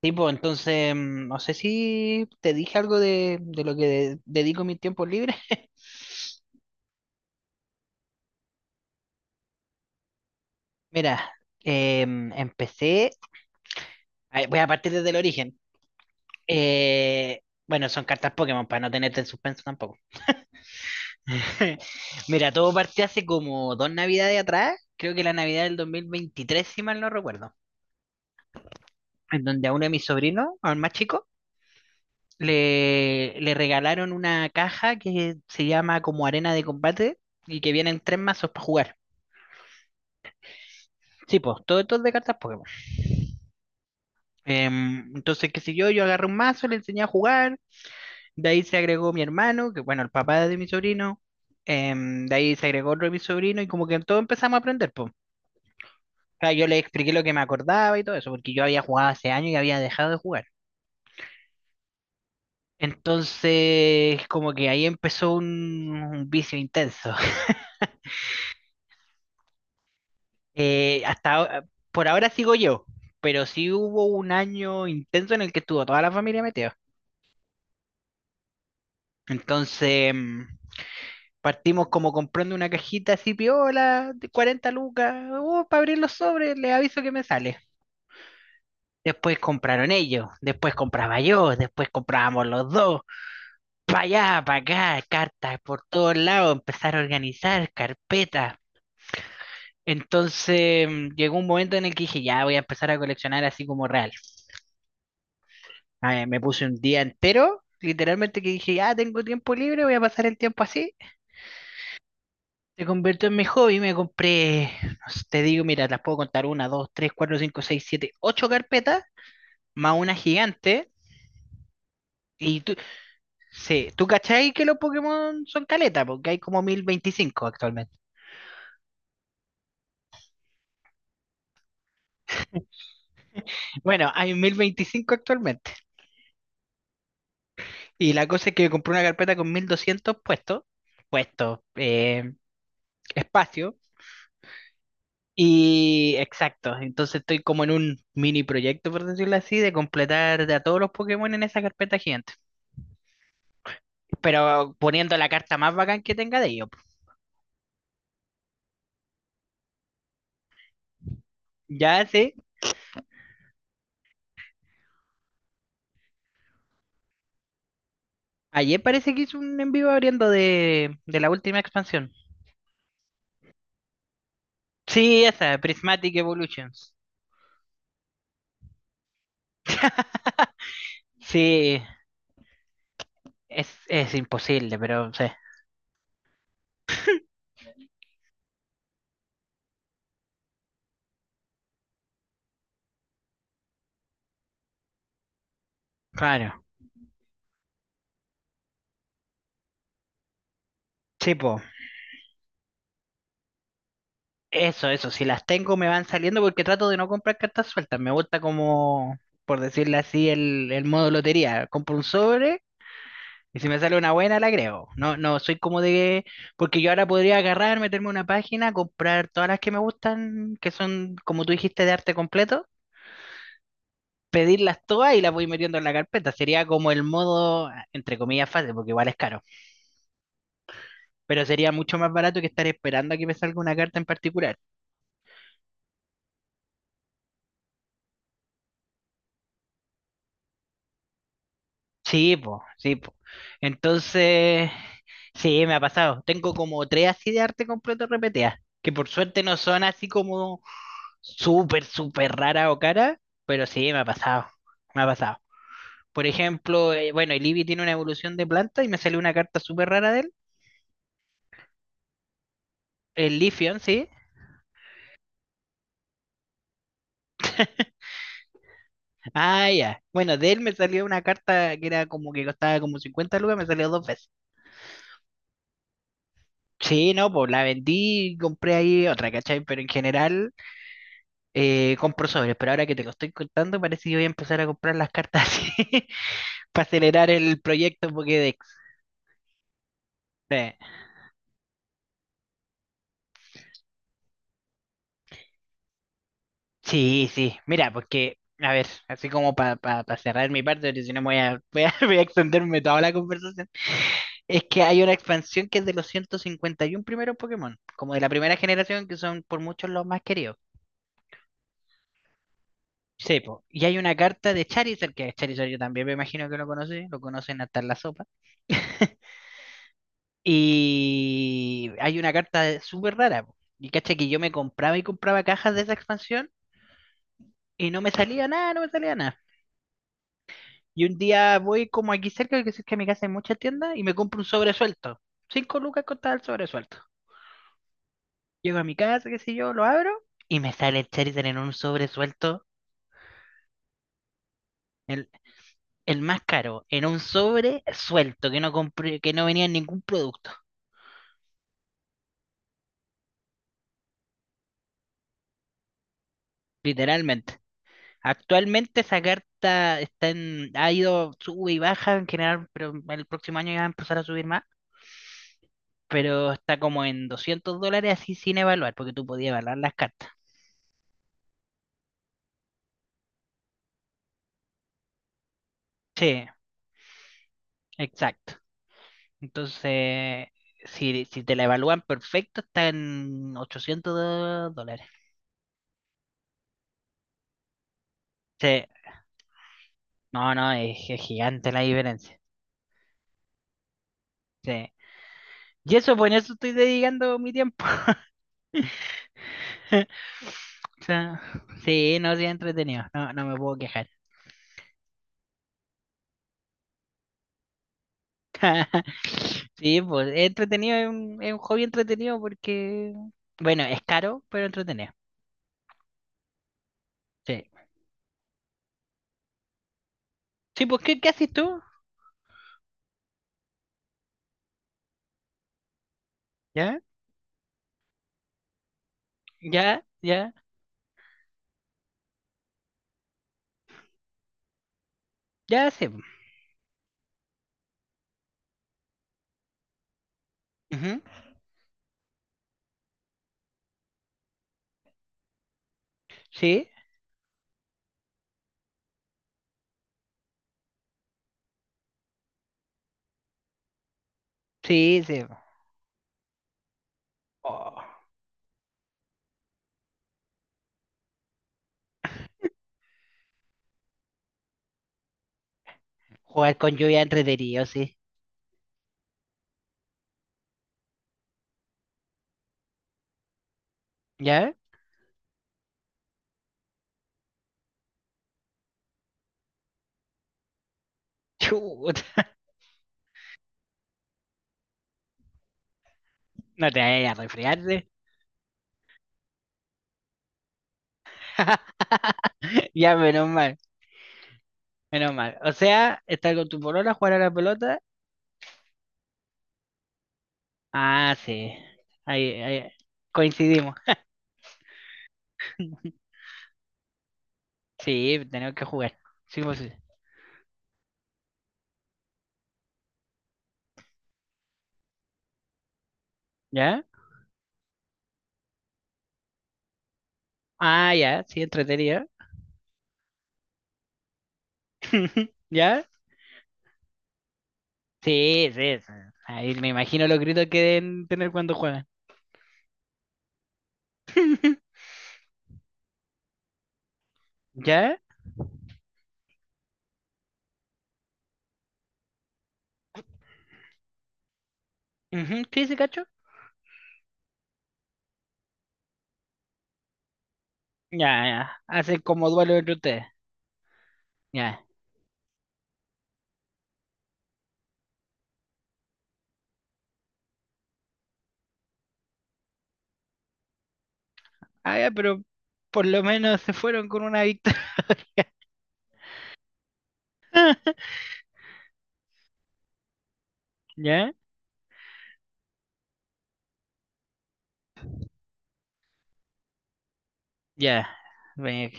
Tipo, entonces, no sé si te dije algo de lo que dedico mi tiempo libre. Mira, empecé, a ver, voy a partir desde el origen. Eh, bueno, son cartas Pokémon para no tenerte en suspenso tampoco. Mira, todo partió hace como dos navidades atrás, creo que la Navidad del 2023 si mal no recuerdo, en donde a uno de mis sobrinos, al más chico, le regalaron una caja que se llama como arena de combate y que vienen tres mazos para jugar. Sí, pues, todo esto es de cartas Pokémon. Entonces, qué sé yo, yo agarré un mazo, le enseñé a jugar, de ahí se agregó mi hermano, que bueno, el papá de mi sobrino, de ahí se agregó otro de mi sobrino, y como que todos empezamos a aprender, pues. O sea, yo le expliqué lo que me acordaba y todo eso, porque yo había jugado hace años y había dejado de jugar. Entonces, como que ahí empezó un vicio intenso. Eh, hasta ahora- por ahora sigo yo, pero sí hubo un año intenso en el que estuvo toda la familia metida. Entonces, partimos como comprando una cajita así piola de 40 lucas, para abrir los sobres, les aviso que me sale. Después compraron ellos, después compraba yo, después comprábamos los dos. Para allá, para acá, cartas por todos lados, empezar a organizar carpetas. Entonces, llegó un momento en el que dije, ya voy a empezar a coleccionar así como real. Ah, me puse un día entero, literalmente que dije, ya tengo tiempo libre, voy a pasar el tiempo así. Se convirtió en mi hobby, me compré, no sé, te digo, mira, las puedo contar, una, dos, tres, cuatro, cinco, seis, siete, ocho carpetas, más una gigante, y tú, sí, tú cachai que los Pokémon son caleta, porque hay como 1025 actualmente. Bueno, hay 1025 actualmente, y la cosa es que compré una carpeta con 1200 puestos, puestos, eh, espacio, y exacto, entonces estoy como en un mini proyecto, por decirlo así, de completar de a todos los Pokémon en esa carpeta gigante, pero poniendo la carta más bacán que tenga de ellos. Ya sé, ayer parece que hizo un en vivo abriendo de la última expansión. Sí, esa, Prismatic Evolutions. Sí, es imposible, pero sí. Claro. Sí, po. Eso, eso. Si las tengo me van saliendo porque trato de no comprar cartas sueltas. Me gusta como, por decirlo así, el modo lotería. Compro un sobre. Y si me sale una buena, la creo. No, no, soy como de... Porque yo ahora podría agarrar, meterme a una página, comprar todas las que me gustan, que son, como tú dijiste, de arte completo, pedirlas todas y las voy metiendo en la carpeta. Sería como el modo, entre comillas, fácil, porque igual es caro. Pero sería mucho más barato que estar esperando a que me salga una carta en particular. Sí, po, sí, po. Entonces, sí, me ha pasado. Tengo como tres así de arte completo repetidas, que por suerte no son así como súper, súper rara o cara, pero sí, me ha pasado, me ha pasado. Por ejemplo, bueno, el Eevee tiene una evolución de planta y me salió una carta súper rara de él, el Leafeon, sí. Ah, ya. Bueno, de él me salió una carta que era como que costaba como 50 lucas, me salió dos veces. Sí, no, pues la vendí y compré ahí otra, ¿cachai? Pero en general compro sobres, pero ahora que te lo estoy contando parece que voy a empezar a comprar las cartas así para acelerar el proyecto Pokédex. Sí. Sí, sí, mira, porque, a ver, así como para cerrar mi parte, porque si no me voy a, voy a, voy a extenderme toda la conversación, es que hay una expansión que es de los 151 primeros Pokémon, como de la primera generación, que son por muchos los más queridos. Sí, po, y hay una carta de Charizard, que Charizard yo también me imagino que lo conocí, lo conocen hasta en la sopa. Y hay una carta súper rara, po. Y caché que yo me compraba y compraba cajas de esa expansión y no me salía nada, no me salía nada. Y un día voy como aquí cerca, que cerca de mi casa hay muchas tiendas, y me compro un sobre suelto. 5 lucas costaba el sobre suelto. Llego a mi casa, qué sé yo, lo abro, y me sale el Charizard en un sobre suelto, el, el más caro, en un sobre suelto, que no compré, que no venía en ningún producto, literalmente. Actualmente esa carta está en, ha ido, sube y baja en general, pero el próximo año ya va a empezar a subir más. Pero está como en 200 dólares así sin evaluar, porque tú podías evaluar las cartas. Sí, exacto. Entonces, si, si te la evalúan perfecto, está en ochocientos dólares. Sí, no, no, es gigante la diferencia. Sí. Y eso, pues en eso estoy dedicando mi tiempo. O sea, sí, no, sí, es entretenido. No, no me puedo quejar. Sí, pues es entretenido, es un hobby entretenido porque, bueno, es caro, pero entretenido. Sí. Sí, pues, ¿qué, qué haces tú? ¿Ya? ¿Ya? ¿Ya? ¿Ya? Sí, pues. Ujú. Sí, sí, sí. Oh. Jugar con lluvia es entretenido, sí. ¿Ya? Chuta, no te vayas a resfriarte. Ya, menos mal, menos mal. O sea, estar con tu polola, jugar a la pelota. Ah, sí. Ahí, ahí coincidimos. Sí, tenemos que jugar. Sí, pues sí. ¿Ya? Ah, ya, sí, entretenido. ¿Ya? Sí, sí, sí. Ahí me imagino los gritos que deben tener cuando juegan. ¿Ya? Ujú, sí, sí, cacho. Ya, ya. Hacen como duelo entre ustedes. Ya. Ah, ya, pero por lo menos se fueron con una victoria. ¿Ya? Ya. Ve-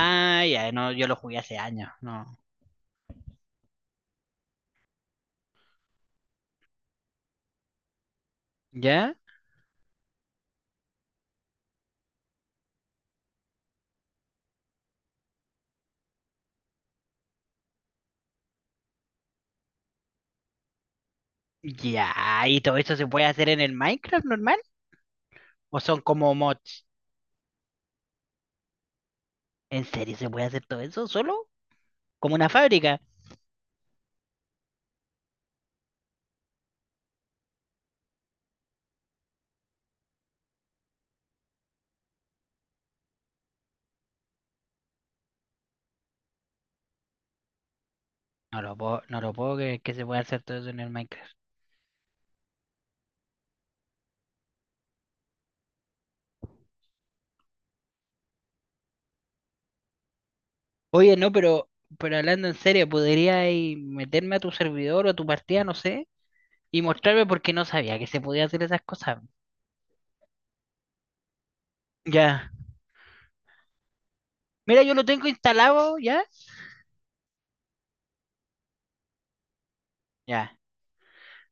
Ah, ya, no, yo lo jugué hace años, no. ¿Ya? Ya, ¿y todo eso se puede hacer en el Minecraft normal? ¿O son como mods? ¿En serio se puede hacer todo eso solo? ¿Como una fábrica? No lo puedo, no lo puedo creer que se pueda hacer todo eso en el Minecraft. Oye, no, pero hablando en serio, ¿podría ahí meterme a tu servidor o a tu partida, no sé, y mostrarme por qué no sabía que se podía hacer esas cosas? Ya. Mira, yo lo tengo instalado ya. Ya.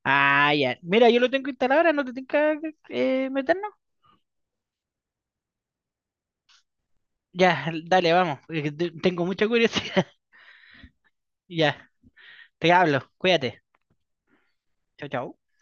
Ah, ya. Mira, yo lo tengo instalado ahora, no te tengo que meter, ¿no? Ya, dale, vamos, porque te- Tengo mucha curiosidad. Ya, te hablo. Cuídate. Chao, chao.